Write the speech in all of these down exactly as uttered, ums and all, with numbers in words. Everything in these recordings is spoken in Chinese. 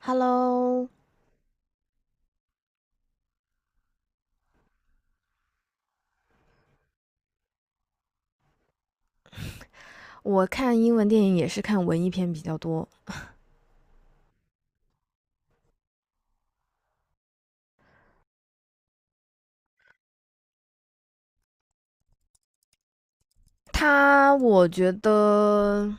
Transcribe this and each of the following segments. Hello，我看英文电影也是看文艺片比较多。它，我觉得，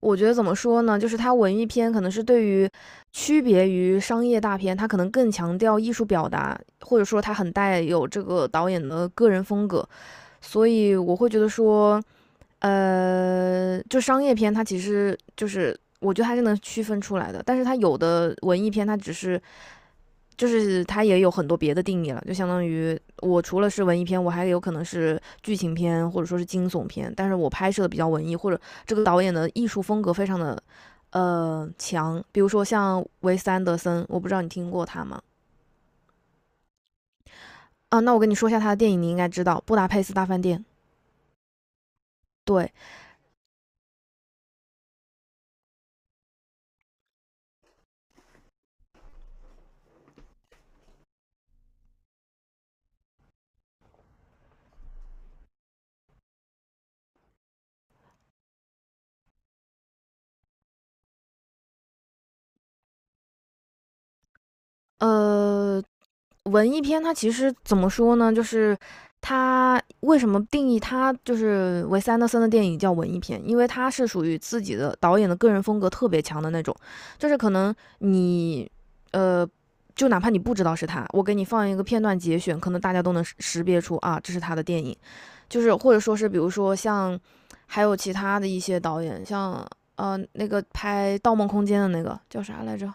我觉得怎么说呢？就是它文艺片可能是对于区别于商业大片，它可能更强调艺术表达，或者说它很带有这个导演的个人风格。所以我会觉得说，呃，就商业片它其实就是。我觉得还是能区分出来的，但是它有的文艺片，它只是就是它也有很多别的定义了，就相当于我除了是文艺片，我还有可能是剧情片或者说是惊悚片，但是我拍摄的比较文艺，或者这个导演的艺术风格非常的呃强，比如说像维斯安德森，我不知道你听过他吗？啊，那我跟你说一下他的电影，你应该知道《布达佩斯大饭店》。对。呃，文艺片它其实怎么说呢？就是它为什么定义它就是维斯安德森的电影叫文艺片？因为它是属于自己的导演的个人风格特别强的那种，就是可能你呃，就哪怕你不知道是他，我给你放一个片段节选，可能大家都能识识别出啊，这是他的电影。就是或者说是比如说像还有其他的一些导演，像呃那个拍《盗梦空间》的那个叫啥来着？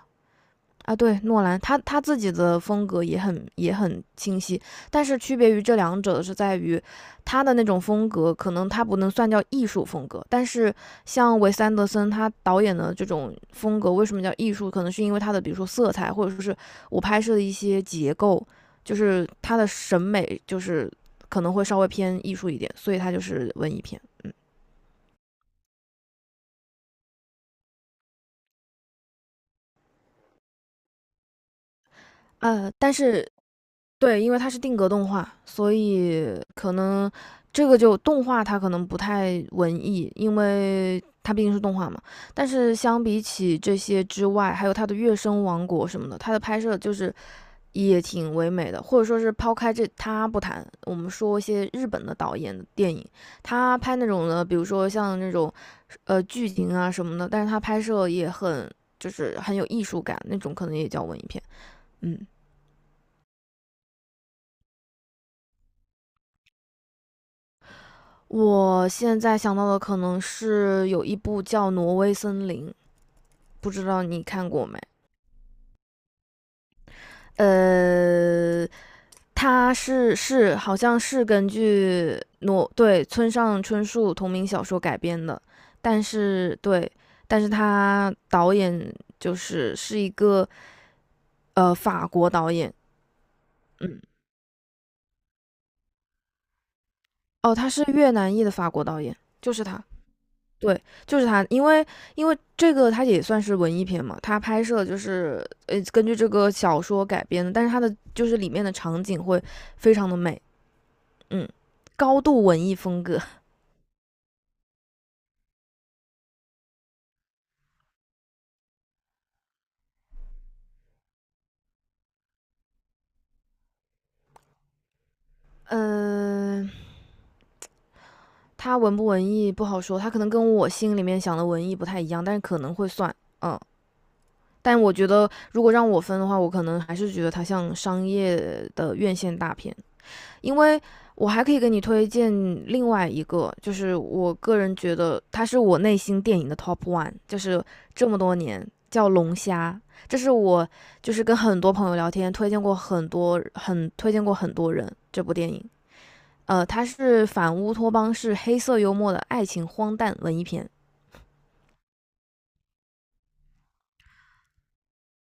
啊，对，诺兰他他自己的风格也很也很清晰，但是区别于这两者的是在于，他的那种风格可能他不能算叫艺术风格，但是像韦斯安德森他导演的这种风格为什么叫艺术？可能是因为他的比如说色彩，或者说是我拍摄的一些结构，就是他的审美就是可能会稍微偏艺术一点，所以他就是文艺片，嗯。呃，但是对，因为它是定格动画，所以可能这个就动画它可能不太文艺，因为它毕竟是动画嘛。但是相比起这些之外，还有它的《月升王国》什么的，它的拍摄就是也挺唯美的，或者说是抛开这它不谈，我们说一些日本的导演的电影，他拍那种的，比如说像那种呃剧情啊什么的，但是他拍摄也很就是很有艺术感，那种可能也叫文艺片，嗯。我现在想到的可能是有一部叫《挪威森林》，不知道你看过没？呃，它是是好像是根据哦对村上春树同名小说改编的，但是对，但是他导演就是是一个呃法国导演，嗯，哦，他是越南裔的法国导演，就是他，对，就是他，因为因为这个它也算是文艺片嘛，它拍摄就是呃根据这个小说改编的，但是它的就是里面的场景会非常的美，嗯，高度文艺风格，嗯、呃它文不文艺不好说，它可能跟我心里面想的文艺不太一样，但是可能会算，嗯，但我觉得如果让我分的话，我可能还是觉得它像商业的院线大片，因为我还可以给你推荐另外一个，就是我个人觉得它是我内心电影的 top one，就是这么多年叫《龙虾》，这是我就是跟很多朋友聊天推荐过很多很推荐过很多人这部电影。呃，它是反乌托邦式黑色幽默的爱情荒诞文艺片，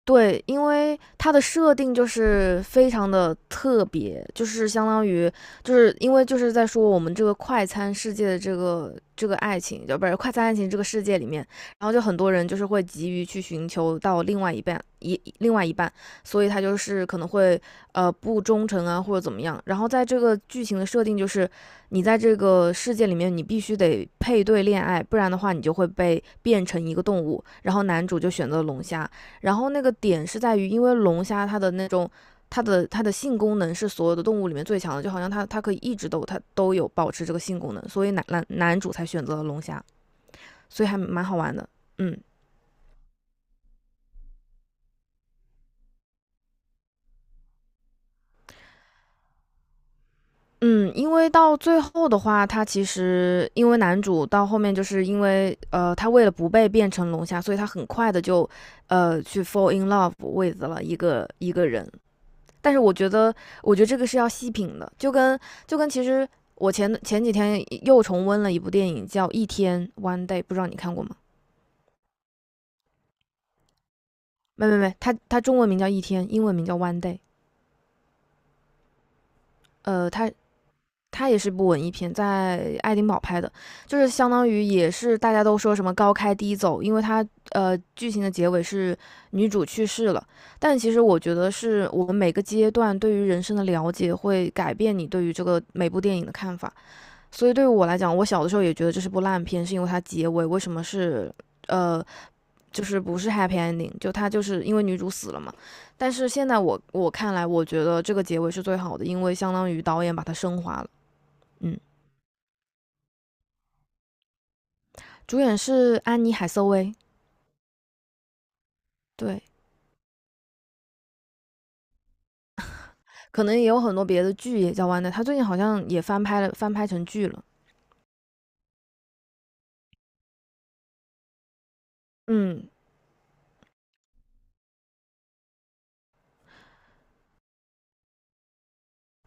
对，因为它的设定就是非常的特别，就是相当于，就是因为就是在说我们这个快餐世界的这个这个爱情，就不是快餐爱情这个世界里面，然后就很多人就是会急于去寻求到另外一半一另外一半，所以他就是可能会呃不忠诚啊或者怎么样。然后在这个剧情的设定就是，你在这个世界里面你必须得配对恋爱，不然的话你就会被变成一个动物。然后男主就选择龙虾，然后那个点是在于，因为龙虾它的那种它的它的性功能是所有的动物里面最强的，就好像它它可以一直都它都有保持这个性功能，所以男男男主才选择了龙虾，所以还蛮好玩的。嗯嗯，因为到最后的话，他其实因为男主到后面就是因为呃，他为了不被变成龙虾，所以他很快的就呃去 fall in love with 了一个一个人，但是我觉得，我觉得这个是要细品的，就跟就跟其实我前前几天又重温了一部电影叫《一天》（One Day），不知道你看过吗？没没没，它它中文名叫《一天》，英文名叫《One Day》。呃，它它也是部文艺片，在爱丁堡拍的，就是相当于也是大家都说什么高开低走，因为它呃剧情的结尾是女主去世了，但其实我觉得是我们每个阶段对于人生的了解会改变你对于这个每部电影的看法。所以对于我来讲，我小的时候也觉得这是部烂片，是因为它结尾为什么是呃，就是不是 happy ending，就它就是因为女主死了嘛。但是现在我我看来，我觉得这个结尾是最好的，因为相当于导演把它升华了。嗯，主演是安妮海瑟薇，对，可能也有很多别的剧也叫完的《o n e 她最近好像也翻拍了，翻拍成剧了。嗯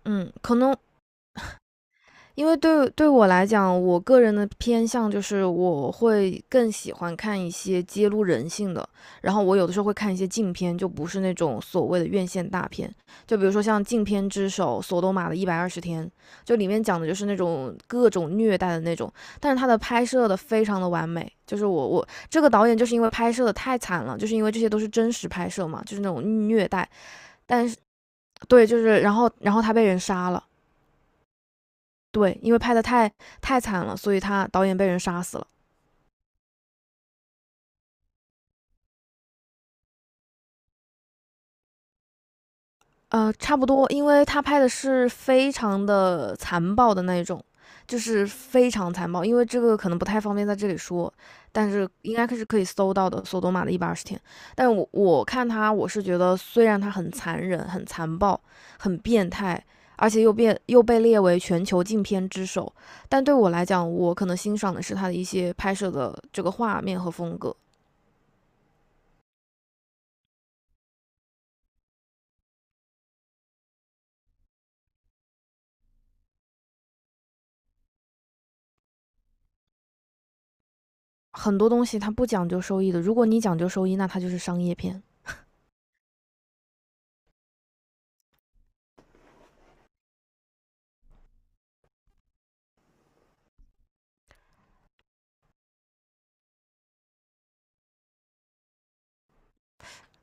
嗯，可能因为对，对我来讲，我个人的偏向就是我会更喜欢看一些揭露人性的，然后我有的时候会看一些禁片，就不是那种所谓的院线大片，就比如说像《禁片之首》《索多玛的一百二十天》，就里面讲的就是那种各种虐待的那种，但是他的拍摄的非常的完美，就是我我这个导演就是因为拍摄的太惨了，就是因为这些都是真实拍摄嘛，就是那种虐待，但是对，就是然后然后他被人杀了。对，因为拍的太太惨了，所以他导演被人杀死了。呃，差不多，因为他拍的是非常的残暴的那种，就是非常残暴。因为这个可能不太方便在这里说，但是应该是可以搜到的《索多玛的一百二十天》。但我我看他，我是觉得虽然他很残忍、很残暴、很变态，而且又变又被列为全球禁片之首，但对我来讲，我可能欣赏的是他的一些拍摄的这个画面和风格。很多东西它不讲究收益的，如果你讲究收益，那它就是商业片。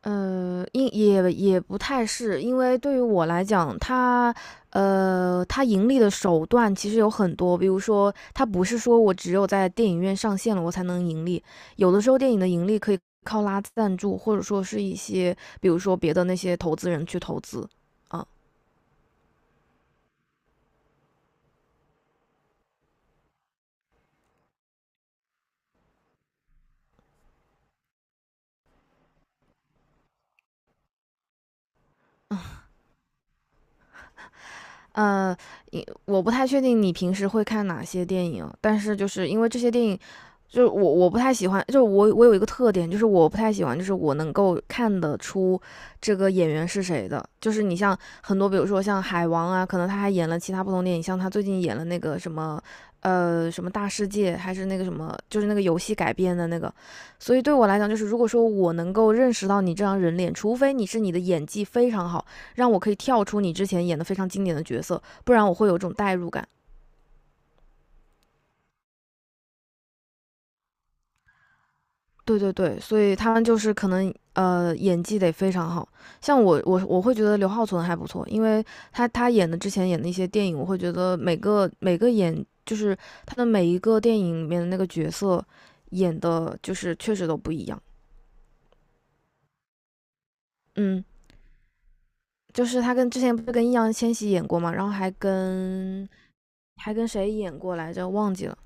呃，因也也不太是，因为对于我来讲，它呃，它盈利的手段其实有很多，比如说，它不是说我只有在电影院上线了我才能盈利，有的时候电影的盈利可以靠拉赞助，或者说是一些，比如说别的那些投资人去投资，啊。呃，我不太确定你平时会看哪些电影，但是就是因为这些电影，就是我我不太喜欢，就是我我有一个特点，就是我不太喜欢，就是我能够看得出这个演员是谁的。就是你像很多，比如说像海王啊，可能他还演了其他不同电影，像他最近演了那个什么。呃，什么大世界，还是那个什么，就是那个游戏改编的那个，所以对我来讲，就是如果说我能够认识到你这张人脸，除非你是你的演技非常好，让我可以跳出你之前演的非常经典的角色，不然我会有一种代入感。对对对，所以他们就是可能呃演技得非常好，像我我我会觉得刘浩存还不错，因为他他演的之前演的一些电影，我会觉得每个每个演就是他的每一个电影里面的那个角色演的就是确实都不一样，嗯，就是他跟之前不是跟易烊千玺演过嘛，然后还跟还跟谁演过来着忘记了，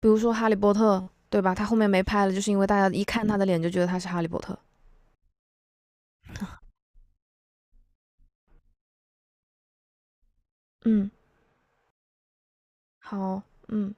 比如说《哈利波特》，对吧？他后面没拍了，就是因为大家一看他的脸就觉得他是哈利波特。嗯，好，嗯。